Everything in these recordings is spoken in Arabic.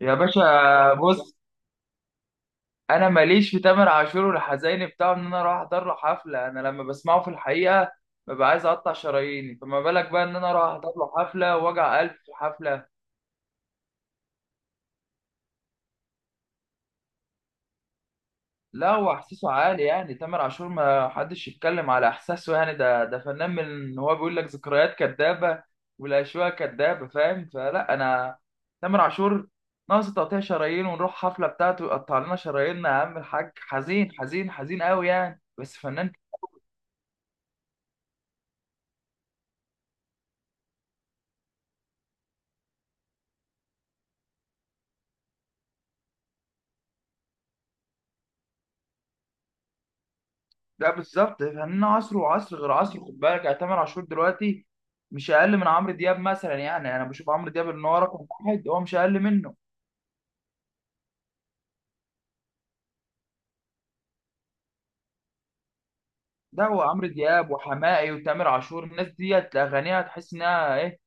يا باشا، بص. انا ماليش في تامر عاشور والحزين بتاعه ان انا اروح احضر له حفله. انا لما بسمعه في الحقيقه ببقى عايز اقطع شراييني، فما بالك بقى ان انا اروح احضر له حفله واوجع قلب في حفله. لا هو احساسه عالي يعني تامر عاشور ما حدش يتكلم على احساسه، يعني ده فنان من إن هو بيقول لك ذكريات كدابه والاشواق كدابه، فاهم؟ فلا انا تامر عاشور ناقص تقطيع شرايين ونروح حفله بتاعته يقطع لنا شراييننا يا عم الحاج. حزين حزين حزين قوي يعني، بس فنان. لا بالظبط فنان عصر، وعصر غير عصر. خد بالك يعني تامر عاشور دلوقتي مش اقل من عمرو دياب مثلا. يعني انا بشوف عمرو دياب ان هو رقم واحد، هو مش اقل منه. ده هو عمرو دياب وحماقي وتامر عاشور الناس ديت اغانيها تحس انها ايه،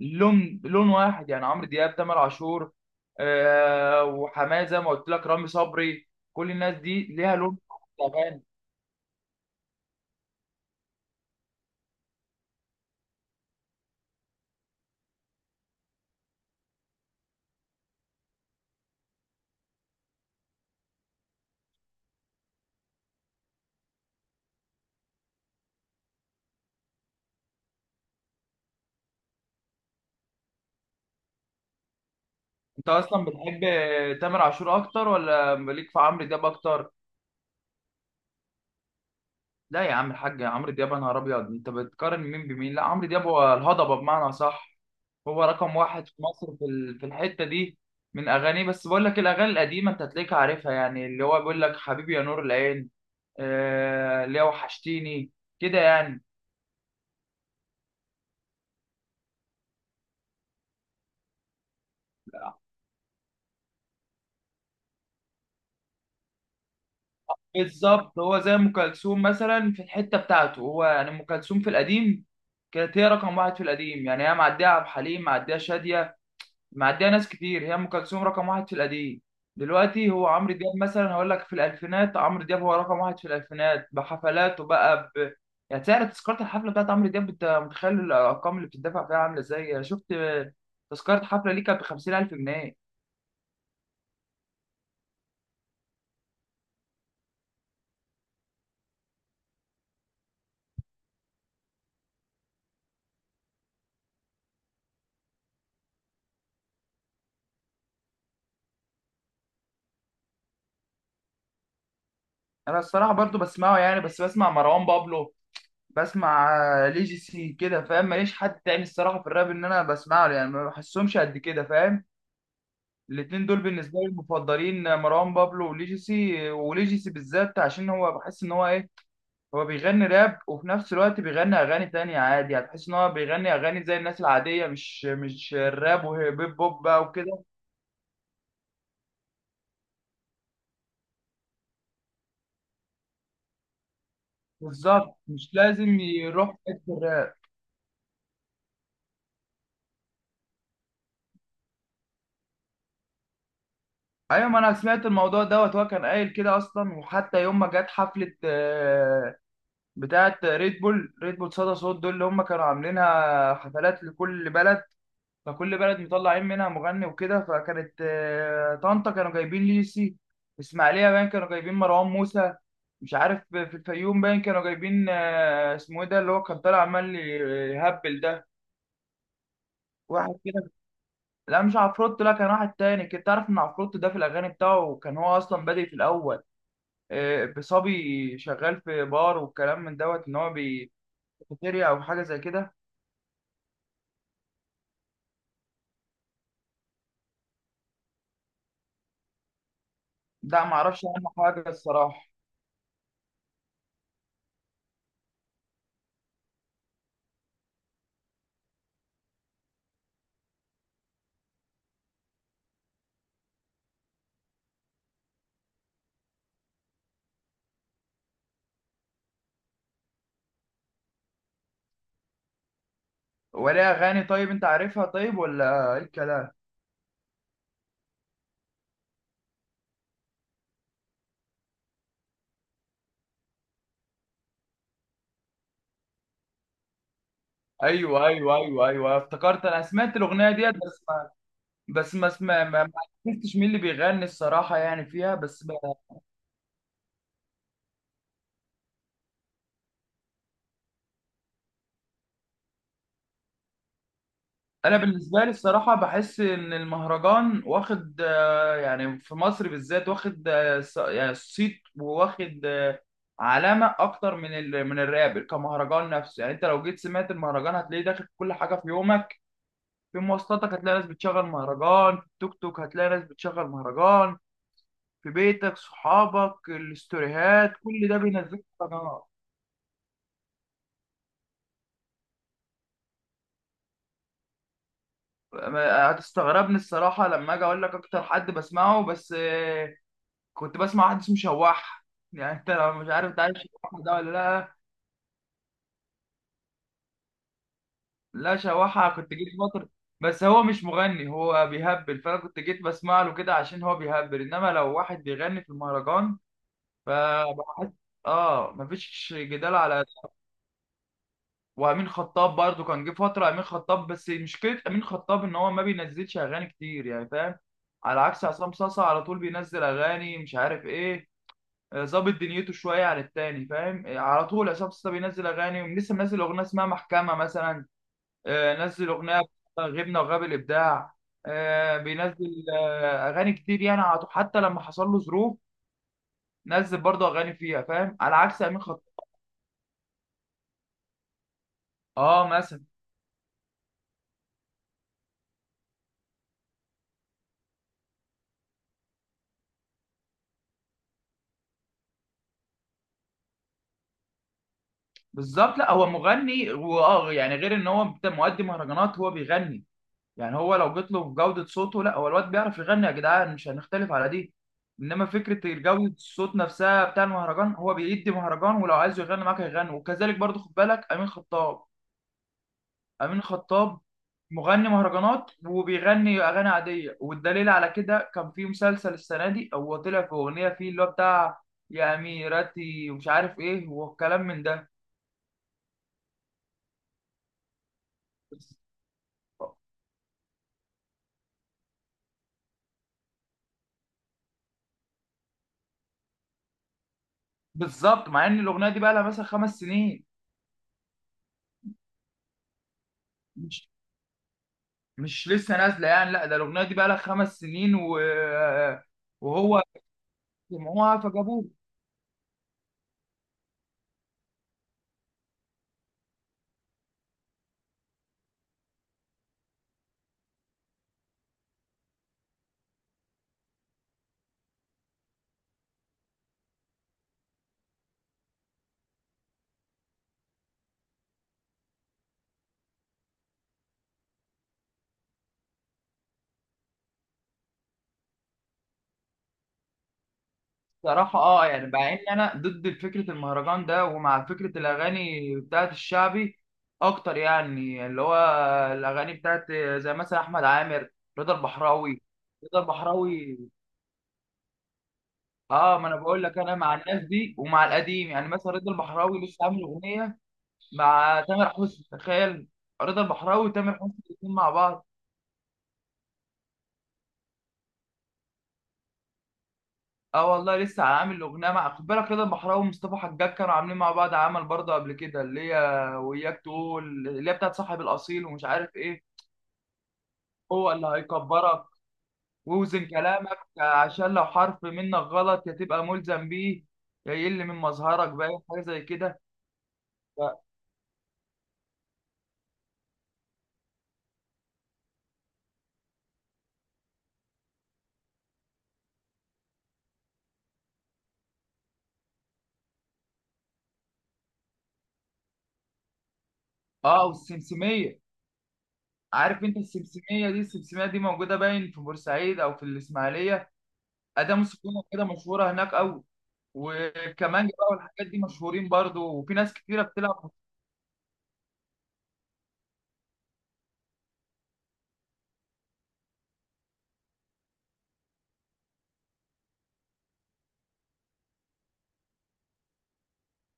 لون لون واحد يعني. عمرو دياب، تامر عاشور، آه، وحماقي زي ما قلت لك، رامي صبري، كل الناس دي ليها لون في الاغاني. انت اصلا بتحب تامر عاشور اكتر ولا ليك في عمرو دياب اكتر؟ لا يا عم الحاج، عمرو دياب يا نهار ابيض، انت بتقارن مين بمين؟ لا عمرو دياب هو الهضبه بمعنى صح. هو رقم واحد في مصر، في الحته دي، من اغانيه. بس بقول لك الاغاني القديمه انت هتلاقيك عارفها يعني، اللي هو بيقول لك حبيبي يا نور العين، آه، اللي هو وحشتيني كده يعني. بالظبط هو زي ام كلثوم مثلا في الحته بتاعته. هو يعني ام كلثوم في القديم كانت هي رقم واحد في القديم، يعني هي معديه عبد الحليم، معديه شاديه، معديه ناس كتير، هي ام كلثوم رقم واحد في القديم. دلوقتي هو عمرو دياب مثلا. هقول لك في الالفينات عمرو دياب هو رقم واحد في الالفينات بحفلاته بقى ب... يعني سعر تذكره الحفله بتاعت عمرو دياب انت متخيل الارقام اللي بتدفع فيها عامله ازاي؟ انا شفت تذكره حفله ليه كانت ب 50,000 جنيه. انا الصراحه برضو بسمعه يعني، بس بسمع مروان بابلو، بسمع ليجيسي كده، فاهم؟ ماليش حد تاني الصراحه في الراب ان انا بسمعه يعني، ما بحسهمش قد كده فاهم. الاتنين دول بالنسبه لي المفضلين، مروان بابلو وليجيسي. وليجيسي بالذات عشان هو بحس ان هو ايه، هو بيغني راب وفي نفس الوقت بيغني اغاني تانية عادي. هتحس ان هو بيغني اغاني زي الناس العاديه، مش الراب وهيب هوب بقى وكده. بالظبط مش لازم يروح في حته الراب. ايوه ما انا سمعت الموضوع دوت، هو كان قايل كده اصلا. وحتى يوم ما جت حفله بتاعه ريد بول، ريد بول صدى صوت دول اللي هم كانوا عاملينها حفلات لكل بلد، فكل بلد مطلعين منها مغني وكده. فكانت طنطا كانوا جايبين ليسي، اسماعيليه باين كانوا جايبين مروان موسى، مش عارف في الفيوم باين كانوا جايبين اسمه ايه ده اللي هو كان طالع عمال يهبل ده. واحد كده، لا مش عفروت، لا كان واحد تاني. كنت تعرف ان عفروت ده في الاغاني بتاعه كان هو اصلا بادئ في الاول بصبي شغال في بار والكلام من دوت، ان هو كافيتيريا او حاجه زي كده. لا معرفش عنه حاجه الصراحه. ولا اغاني طيب انت عارفها طيب ولا ايه الكلام؟ ايوه ايوه ايوه ايوه، افتكرت. انا سمعت الاغنيه ديت، بس ما بس ما اسمع ما عرفتش مين اللي بيغني الصراحه يعني فيها، بس ب... انا بالنسبه لي الصراحه بحس ان المهرجان واخد يعني في مصر بالذات واخد يعني صيت، واخد علامه اكتر من الراب كمهرجان نفسه. يعني انت لو جيت سمعت المهرجان هتلاقيه داخل في كل حاجه في يومك. في مواصلاتك هتلاقي ناس بتشغل مهرجان، في التوك توك هتلاقي ناس بتشغل مهرجان، في بيتك صحابك الاستوريهات كل ده بينزله في القناة. هتستغربني الصراحة لما أجي أقول لك أكتر حد بسمعه، بس كنت بسمع واحد اسمه شواح يعني. أنت لو مش عارف، أنت عارف شواح ده ولا لأ؟ لا شواحة كنت جيت فترة، بس هو مش مغني هو بيهبل. فأنا كنت جيت بسمع له كده عشان هو بيهبل، إنما لو واحد بيغني في المهرجان فبحس. آه مفيش جدال على. وامين خطاب برضو كان جه فتره امين خطاب، بس مشكله امين خطاب ان هو ما بينزلش اغاني كتير يعني فاهم، على عكس عصام صاصا على طول بينزل اغاني مش عارف ايه. ظابط دنيته شويه عن التاني فاهم، على طول عصام صاصا بينزل اغاني. لسه منزل اغنيه اسمها محكمه مثلا، نزل اغنيه غبنا وغاب الابداع، بينزل اغاني كتير يعني على طول. حتى لما حصل له ظروف نزل برضه اغاني فيها فاهم، على عكس امين خطاب. اه مثلا. بالظبط لا هو مغني واه يعني، غير ان هو مؤدي مهرجانات هو بيغني. يعني هو لو جيت له في جودة صوته، لا هو الواد بيعرف يغني يا جدعان، مش هنختلف على دي. انما فكرة جودة الصوت نفسها بتاع المهرجان، هو بيدي مهرجان ولو عايز يغني معاك هيغني. وكذلك برضو خد بالك امين خطاب. امين خطاب مغني مهرجانات وبيغني اغاني عادية، والدليل على كده كان في مسلسل السنة دي هو طلع في اغنية فيه اللي هو بتاع يا اميرتي ومش عارف ايه والكلام من ده. بالظبط، مع ان الاغنيه دي بقى لها مثلا 5 سنين. مش مش لسه نازله يعني، لا ده الاغنيه دي بقى لها 5 سنين و... وهو سمعوها فجابوه. صراحه اه يعني، مع ان انا ضد فكره المهرجان ده ومع فكره الاغاني بتاعت الشعبي اكتر يعني، اللي هو الاغاني بتاعت زي مثلا احمد عامر، رضا البحراوي، رضا البحراوي. اه ما انا بقول لك انا مع الناس دي ومع القديم. يعني مثلا رضا البحراوي لسه عامل اغنيه مع تامر حسني، تخيل. رضا البحراوي وتامر حسني الاثنين مع بعض. اه والله لسه عامل اغنيه مع، خد بالك، رضا البحراوي ومصطفى حجاج كانوا عاملين مع بعض عمل برضه قبل كده اللي هي وياك تقول، اللي هي بتاعت صاحب الاصيل ومش عارف ايه. هو اللي هيكبرك ووزن كلامك عشان لو حرف منك غلط يا تبقى ملزم بيه يا يقل من مظهرك باين، حاجه زي كده. اه والسمسميه. عارف انت السمسميه دي؟ السمسميه دي موجوده باين في بورسعيد او في الاسماعيليه، اداه موسيقيه كده مشهوره هناك قوي. وكمانجا بقى والحاجات دي مشهورين برضو، وفي ناس كتيرة بتلعب.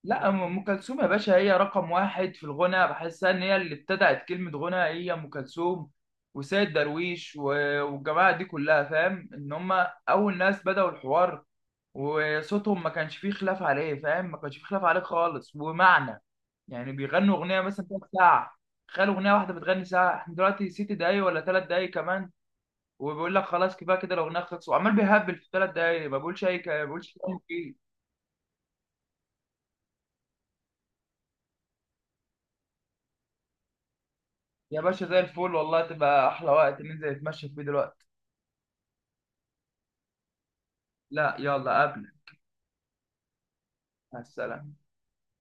لا ام كلثوم يا باشا هي رقم واحد في الغنى، بحسها ان هي اللي ابتدعت كلمة غنى. هي ام كلثوم وسيد درويش والجماعة دي كلها، فاهم ان هم اول ناس بدأوا الحوار، وصوتهم ما كانش فيه خلاف عليه، فاهم، ما كانش فيه خلاف عليه خالص. ومعنى يعني بيغنوا اغنية مثلا تلات ساعة، تخيل اغنية واحدة بتغني ساعة. احنا دلوقتي 6 دقايق ولا 3 دقايق كمان وبيقول لك خلاص كفايه كده لو نخلص، وعمال بيهبل في 3 دقايق ما بقولش اي كلام، ما بقولش كلام فيه. يا باشا زي الفل والله، تبقى احلى وقت ننزل نتمشى فيه دلوقتي. لا يلا قبل. مع السلامه.